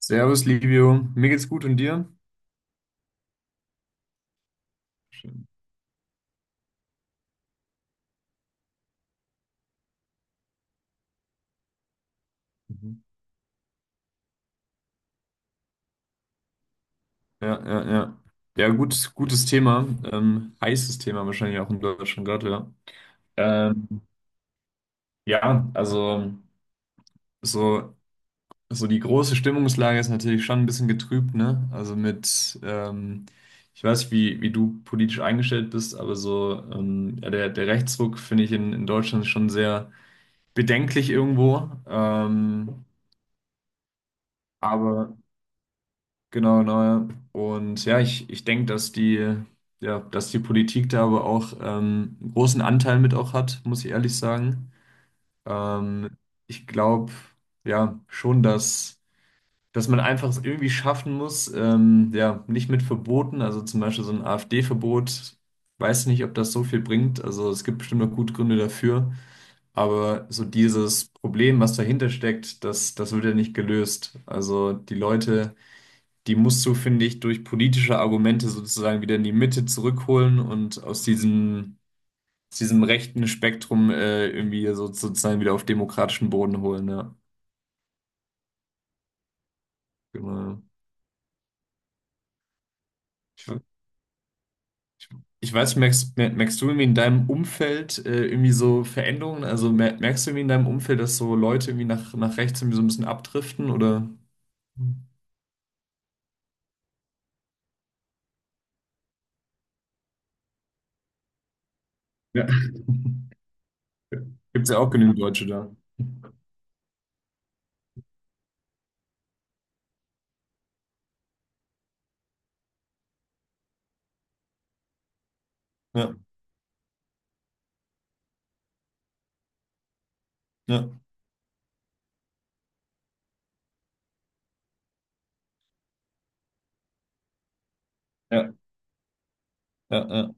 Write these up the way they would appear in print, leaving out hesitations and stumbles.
Servus, Livio. Mir geht's gut und dir? Schön. Mhm. Ja, ja, ja. Ja, gut, gutes Thema. Heißes Thema wahrscheinlich auch in Deutschland gerade, ja. Ähm, ja, also so, so die große Stimmungslage ist natürlich schon ein bisschen getrübt, ne? Also mit, ich weiß nicht, wie du politisch eingestellt bist, aber so ja, der Rechtsruck finde ich in Deutschland schon sehr bedenklich irgendwo. Aber. Genau, genau, ja. Und ja, ich denke, dass die Politik da aber auch einen großen Anteil mit auch hat, muss ich ehrlich sagen. Ähm, ich glaube, ja, schon, dass man einfach es irgendwie schaffen muss, ja, nicht mit Verboten, also zum Beispiel so ein AfD-Verbot, weiß nicht, ob das so viel bringt. Also es gibt bestimmt noch gute Gründe dafür, aber so dieses Problem, was dahinter steckt, das wird ja nicht gelöst. Also die Leute die musst du, finde ich, durch politische Argumente sozusagen wieder in die Mitte zurückholen und aus diesem rechten Spektrum irgendwie so, sozusagen wieder auf demokratischen Boden holen. Ja, genau. Ich, ich, ich weiß, merkst, mer- merkst du irgendwie in deinem Umfeld irgendwie so Veränderungen? Also merkst du irgendwie in deinem Umfeld, dass so Leute irgendwie nach rechts irgendwie so ein bisschen abdriften oder? Ja. Gibt es ja auch genügend Deutsche da. Ja, ja, ja, ja, ja.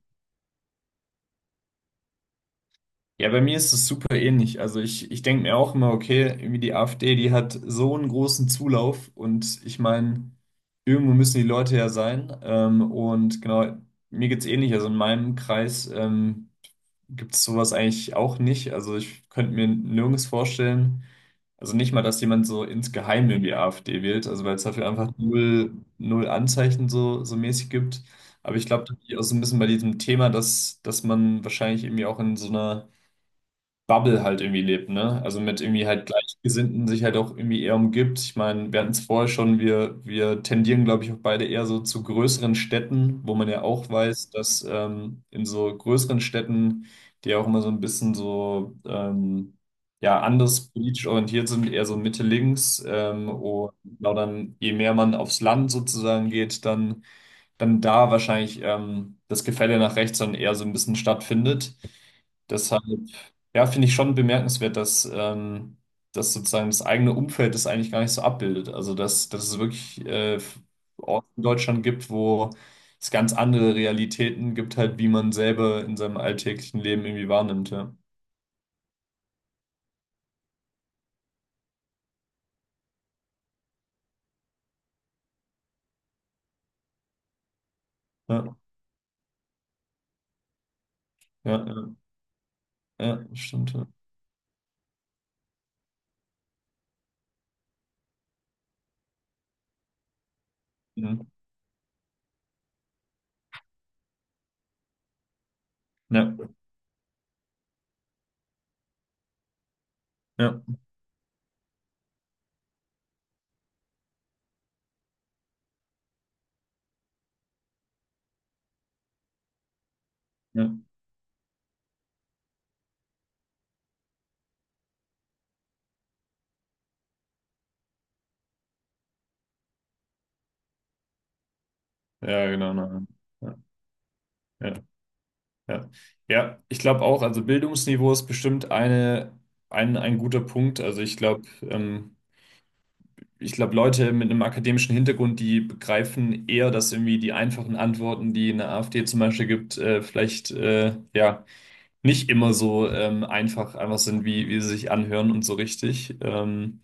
Ja, bei mir ist es super ähnlich. Also ich denke mir auch immer, okay, irgendwie die AfD, die hat so einen großen Zulauf und ich meine, irgendwo müssen die Leute ja sein. Und genau, mir geht's ähnlich. Also in meinem Kreis gibt's sowas eigentlich auch nicht. Also ich könnte mir nirgends vorstellen, also nicht mal, dass jemand so insgeheim irgendwie AfD wählt, also weil es dafür einfach null Anzeichen so mäßig gibt. Aber ich glaube, das liegt auch so ein bisschen bei diesem Thema, dass man wahrscheinlich irgendwie auch in so einer Bubble halt irgendwie lebt, ne? Also mit irgendwie halt Gleichgesinnten sich halt auch irgendwie eher umgibt. Ich meine, wir hatten es vorher schon, wir tendieren, glaube ich, auch beide eher so zu größeren Städten, wo man ja auch weiß, dass in so größeren Städten, die ja auch immer so ein bisschen so ja, anders politisch orientiert sind, eher so Mitte-Links. Und genau dann, je mehr man aufs Land sozusagen geht, dann da wahrscheinlich das Gefälle nach rechts dann eher so ein bisschen stattfindet. Deshalb, ja, finde ich schon bemerkenswert, dass das sozusagen das eigene Umfeld das eigentlich gar nicht so abbildet. Also, dass es wirklich Orte in Deutschland gibt, wo es ganz andere Realitäten gibt, halt, wie man selber in seinem alltäglichen Leben irgendwie wahrnimmt. Ja, ja, ja, ja, ja stimmt. Ja. Mhm. Ja, ja, ja, ja, genau. Na, ja, ja. Ja, ja, ich glaube auch, also Bildungsniveau ist bestimmt eine, ein guter Punkt. Also ich glaube, Leute mit einem akademischen Hintergrund, die begreifen eher, dass irgendwie die einfachen Antworten, die eine AfD zum Beispiel gibt, vielleicht ja nicht immer so einfach sind, wie sie sich anhören und so richtig.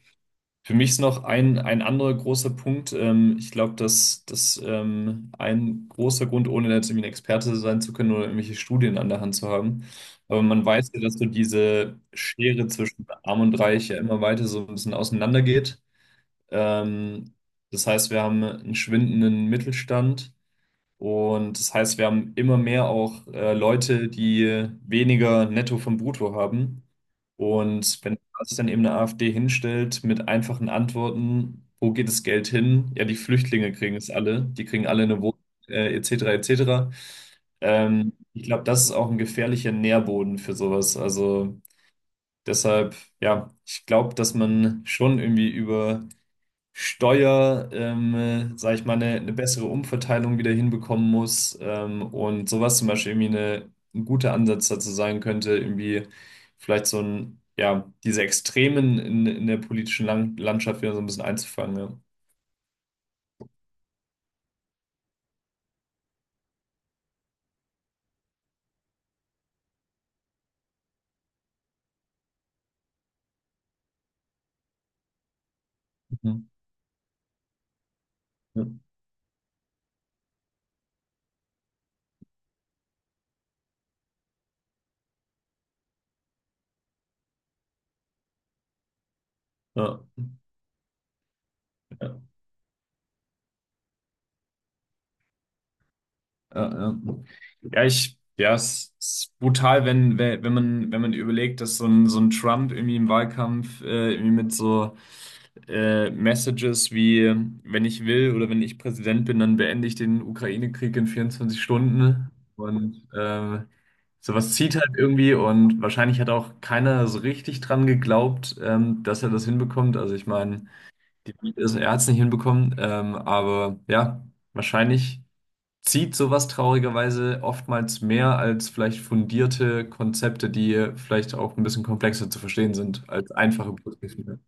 Für mich ist noch ein anderer großer Punkt. Ich glaube, dass ein großer Grund, ohne jetzt irgendwie ein Experte sein zu können oder irgendwelche Studien an der Hand zu haben, aber man weiß ja, dass so diese Schere zwischen Arm und Reich ja immer weiter so ein bisschen auseinandergeht. Ähm, das heißt, wir haben einen schwindenden Mittelstand und das heißt, wir haben immer mehr auch Leute, die weniger Netto vom Brutto haben. Und wenn sich dann eben eine AfD hinstellt mit einfachen Antworten, wo geht das Geld hin? Ja, die Flüchtlinge kriegen es alle, die kriegen alle eine Wohnung, etc., etc. Ich glaube, das ist auch ein gefährlicher Nährboden für sowas. Also deshalb, ja, ich glaube, dass man schon irgendwie über Steuer, sage ich mal, eine bessere Umverteilung wieder hinbekommen muss. Und sowas zum Beispiel irgendwie eine, ein guter Ansatz dazu sein könnte, irgendwie vielleicht so ein, ja, diese Extremen in der politischen Lang Landschaft wieder so ein bisschen einzufangen. Ja. Mhm. Ja. Ja. Ja, ja. Ja, ich, ja, es ist brutal, wenn, wenn man, wenn man überlegt, dass so ein Trump irgendwie im Wahlkampf irgendwie mit so Messages wie, wenn ich will oder wenn ich Präsident bin, dann beende ich den Ukraine-Krieg in 24 Stunden. Und sowas zieht halt irgendwie und wahrscheinlich hat auch keiner so richtig dran geglaubt, dass er das hinbekommt. Also ich meine, er hat es nicht hinbekommen, aber ja, wahrscheinlich zieht sowas traurigerweise oftmals mehr als vielleicht fundierte Konzepte, die vielleicht auch ein bisschen komplexer zu verstehen sind, als einfache Begrifflichkeiten.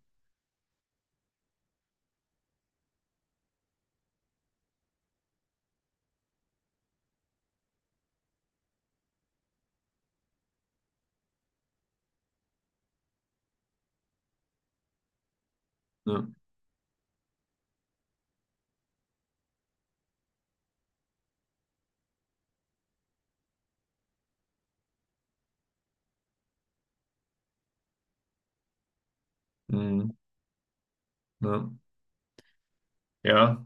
Ja. Mhm. Ja. Ja.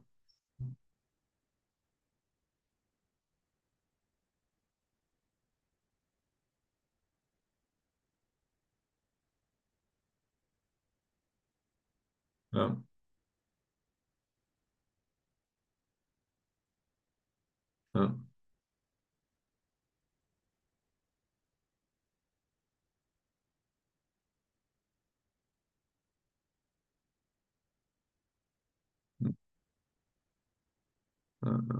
Ja. Ja. Ja. Ja. Ja.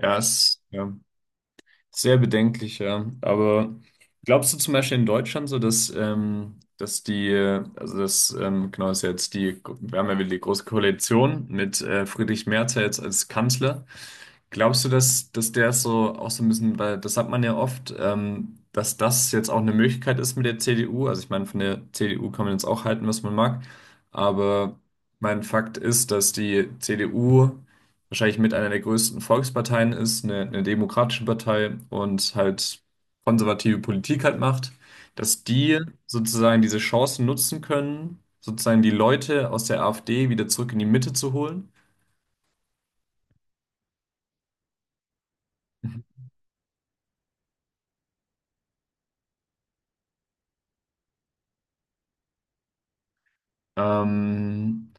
Ja. Ja. Sehr bedenklich, ja. Aber glaubst du zum Beispiel in Deutschland so, dass, dass die, also das, genau ist ja jetzt die, wir haben ja wieder die Große Koalition mit Friedrich Merz ja jetzt als Kanzler. Glaubst du, dass der so auch so ein bisschen, weil das hat man ja oft, dass das jetzt auch eine Möglichkeit ist mit der CDU? Also ich meine, von der CDU kann man jetzt auch halten, was man mag, aber mein Fakt ist, dass die CDU wahrscheinlich mit einer der größten Volksparteien ist, eine demokratische Partei und halt konservative Politik halt macht, dass die sozusagen diese Chancen nutzen können, sozusagen die Leute aus der AfD wieder zurück in die Mitte zu holen. Ähm,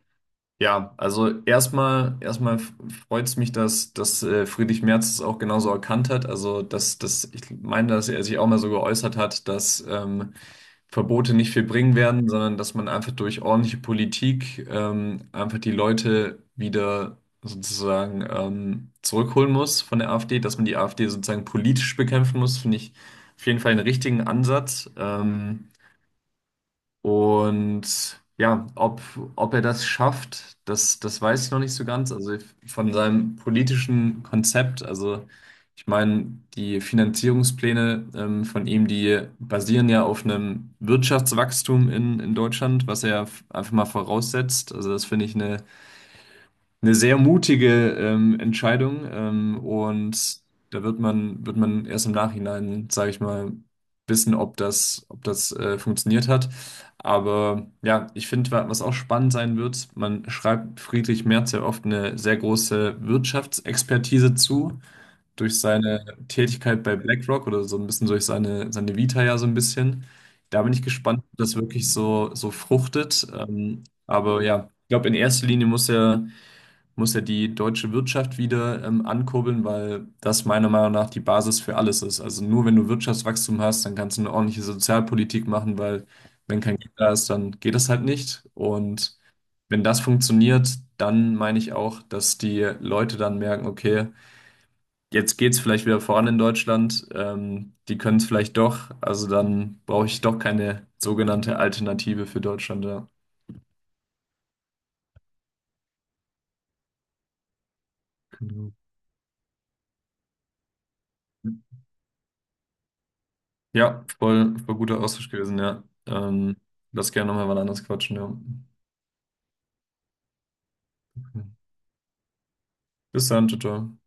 Ja, also erstmal freut es mich, dass Friedrich Merz es auch genauso erkannt hat. Also, dass, dass ich meine, dass er sich auch mal so geäußert hat, dass Verbote nicht viel bringen werden, sondern dass man einfach durch ordentliche Politik einfach die Leute wieder sozusagen zurückholen muss von der AfD, dass man die AfD sozusagen politisch bekämpfen muss, finde ich auf jeden Fall einen richtigen Ansatz. Und ja, ob er das schafft, das weiß ich noch nicht so ganz. Also von seinem politischen Konzept, also ich meine, die Finanzierungspläne von ihm, die basieren ja auf einem Wirtschaftswachstum in Deutschland, was er einfach mal voraussetzt. Also das finde ich eine sehr mutige Entscheidung und da wird man, erst im Nachhinein, sage ich mal, wissen, ob das, ob das funktioniert hat. Aber ja, ich finde, was auch spannend sein wird, man schreibt Friedrich Merz ja oft eine sehr große Wirtschaftsexpertise zu, durch seine Tätigkeit bei BlackRock oder so ein bisschen durch seine Vita ja so ein bisschen. Da bin ich gespannt, ob das wirklich so fruchtet. Aber ja, ich glaube, in erster Linie muss er muss ja die deutsche Wirtschaft wieder ankurbeln, weil das meiner Meinung nach die Basis für alles ist. Also nur wenn du Wirtschaftswachstum hast, dann kannst du eine ordentliche Sozialpolitik machen, weil wenn kein Geld da ist, dann geht das halt nicht. Und wenn das funktioniert, dann meine ich auch, dass die Leute dann merken, okay, jetzt geht's vielleicht wieder voran in Deutschland, die können es vielleicht doch, also dann brauche ich doch keine sogenannte Alternative für Deutschland, ja. Genau. Ja, voll guter Austausch gewesen, ja. Lass gerne nochmal wann anders quatschen, ja. Bis dann, ciao. Ciao.